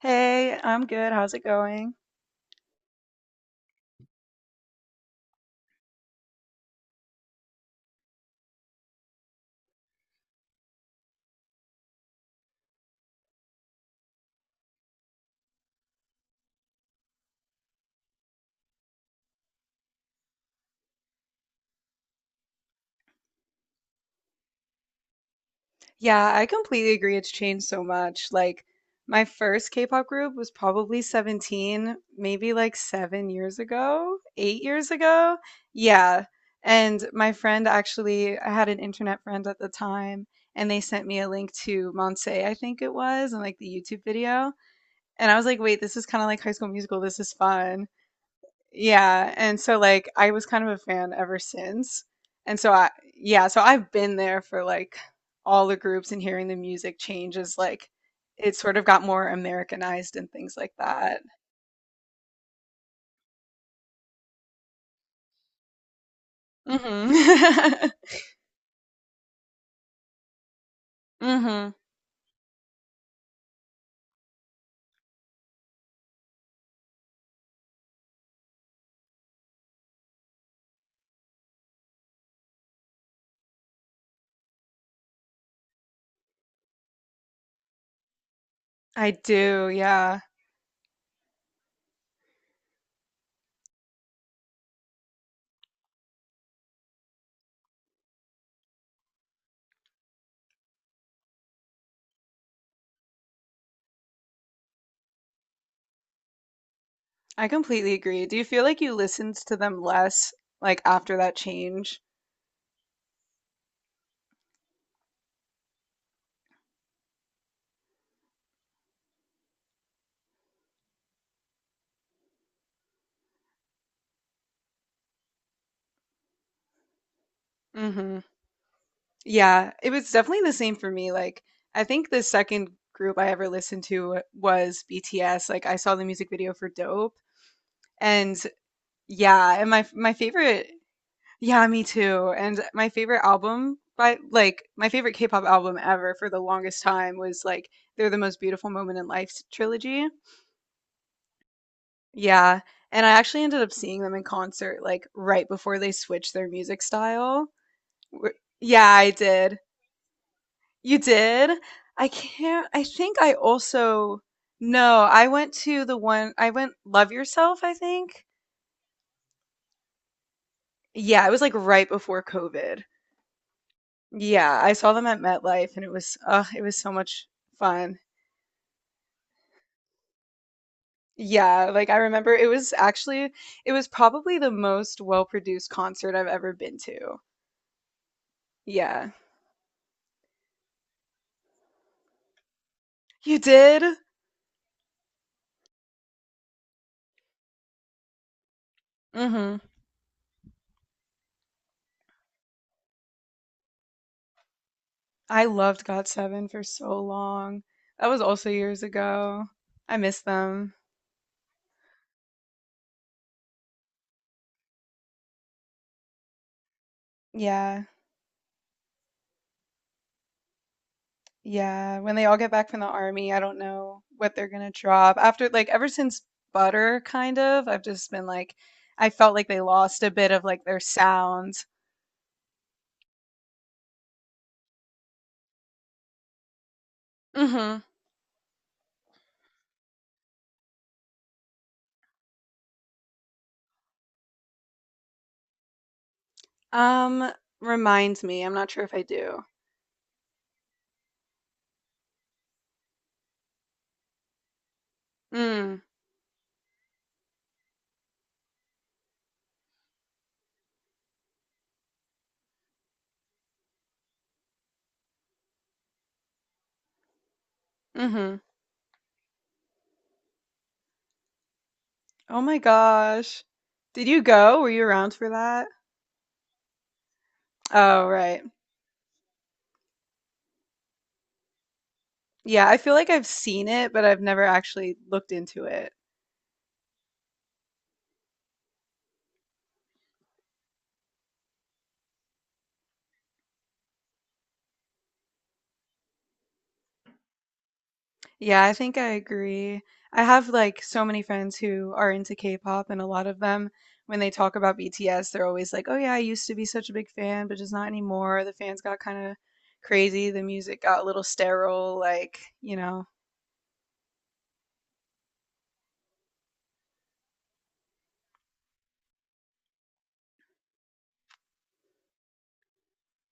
Hey, I'm good. How's it going? Yeah, I completely agree. It's changed so much. Like, my first K-pop group was probably 17, maybe like 7 years ago, 8 years ago. Yeah. And my friend actually, I had an internet friend at the time, and they sent me a link to Monse, I think it was, and like the YouTube video. And I was like, wait, this is kind of like High School Musical. This is fun. Yeah, and so like I was kind of a fan ever since. And so I've been there for like all the groups and hearing the music changes. Like it sort of got more Americanized and things like that. Mhm. Mhm. I do, yeah. I completely agree. Do you feel like you listened to them less like after that change? Mhm. Yeah, it was definitely the same for me. Like, I think the second group I ever listened to was BTS. Like, I saw the music video for Dope, and yeah, and my favorite, yeah, me too. And my favorite album by like my favorite K-pop album ever for the longest time was like They're the Most Beautiful Moment in Life trilogy. Yeah, and I actually ended up seeing them in concert like right before they switched their music style. Wh- Yeah, I did. You did? I can't I think I also No, I went to the one I went Love Yourself, I think? Yeah, it was, like, right before COVID. Yeah, I saw them at MetLife, and it was it was so much fun. Yeah, like, I remember it was actually it was probably the most well-produced concert I've ever been to. Yeah. You did? Mhm. I loved GOT7 for so long. That was also years ago. I miss them. Yeah. Yeah, when they all get back from the army, I don't know what they're gonna drop. After like ever since Butter, kind of, I've just been like, I felt like they lost a bit of like their sound. Hmm. Um, Reminds me, I'm not sure if I do. Mm. Mm-hmm. Oh my gosh. Did you go? Were you around for that? Oh, right. Yeah, I feel like I've seen it, but I've never actually looked into it. Yeah, I think I agree. I have like so many friends who are into K-pop, and a lot of them, when they talk about BTS, they're always like, "Oh yeah, I used to be such a big fan, but just not anymore. The fans got kind of crazy. The music got a little sterile, like,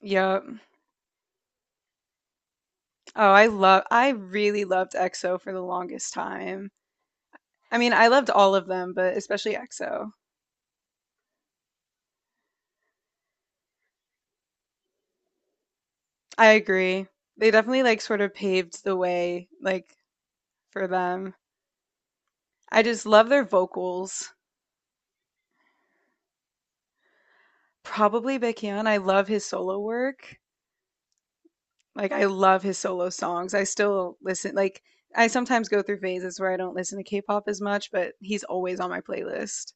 Yep. Oh, I really loved EXO for the longest time. I mean, I loved all of them, but especially EXO. I agree. They definitely like sort of paved the way like for them. I just love their vocals. Probably Baekhyun, I love his solo work. Like, I love his solo songs. I still listen like, I sometimes go through phases where I don't listen to K-pop as much, but he's always on my playlist.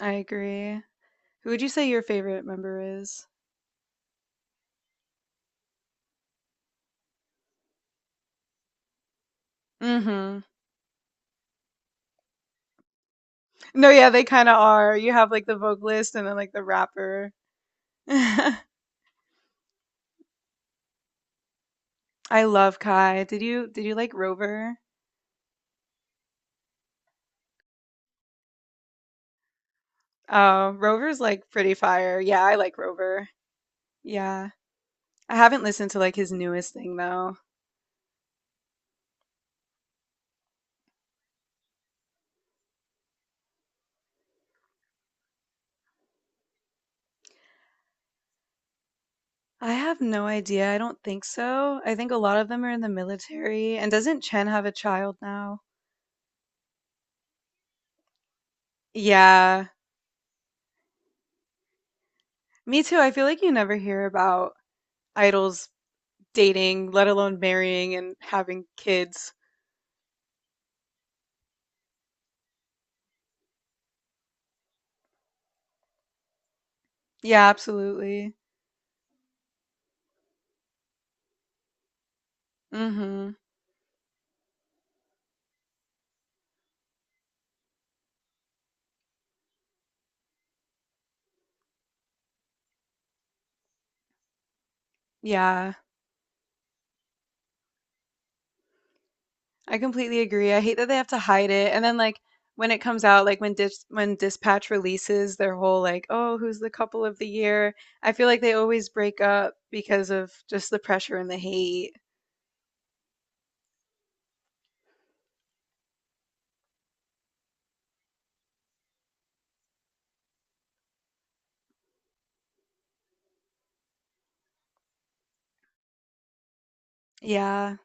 I agree. Who would you say your favorite member is? Mhm. No, yeah, they kinda are. You have, like, the vocalist and then, like, the rapper. I love Kai. Did you like Rover? Oh, Rover's, like, pretty fire. Yeah, I like Rover. Yeah. I haven't listened to, like, his newest thing, though. I have no idea. I don't think so. I think a lot of them are in the military. And doesn't Chen have a child now? Yeah, me too. I feel like you never hear about idols dating, let alone marrying and having kids. Yeah, absolutely. Hmm. Yeah, I completely agree. I hate that they have to hide it. And then like when it comes out, like when Dispatch releases their whole like, oh, who's the couple of the year? I feel like they always break up because of just the pressure and the hate. Yeah.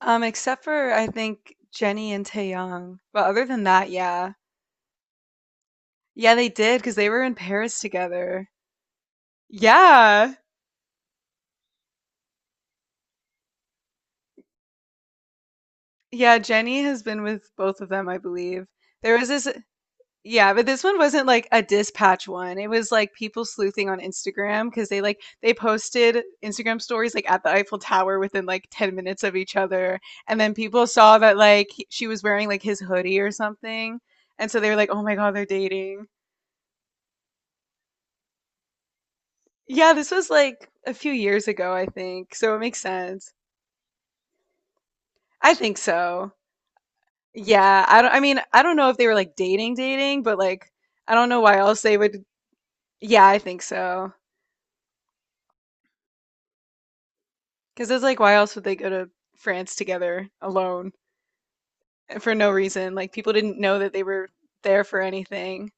Except for I think Jenny and Taeyang. But other than that, yeah. Yeah, they did because they were in Paris together. Yeah. Yeah, Jenny has been with both of them, I believe. There was this, yeah, but this one wasn't like a dispatch one. It was like people sleuthing on Instagram because they posted Instagram stories like at the Eiffel Tower within like 10 minutes of each other. And then people saw that like she was wearing like his hoodie or something. And so they were like, "Oh my God, they're dating." Yeah, this was like a few years ago, I think. So it makes sense. I think so. I mean, I don't know if they were like dating dating, but like I don't know why else they would. Yeah, I think so. 'Cause it's like why else would they go to France together alone for no reason? Like people didn't know that they were there for anything,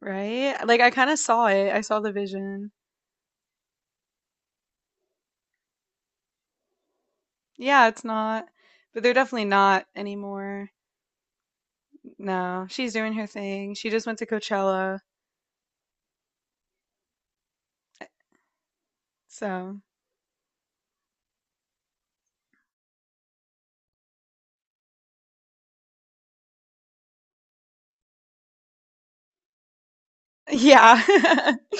right? Like I kind of saw it. I saw the vision. Yeah, it's not, but they're definitely not anymore. No, she's doing her thing. She just went to Coachella, so. Yeah.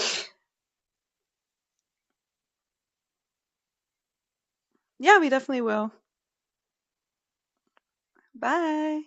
Yeah, we definitely will. Bye.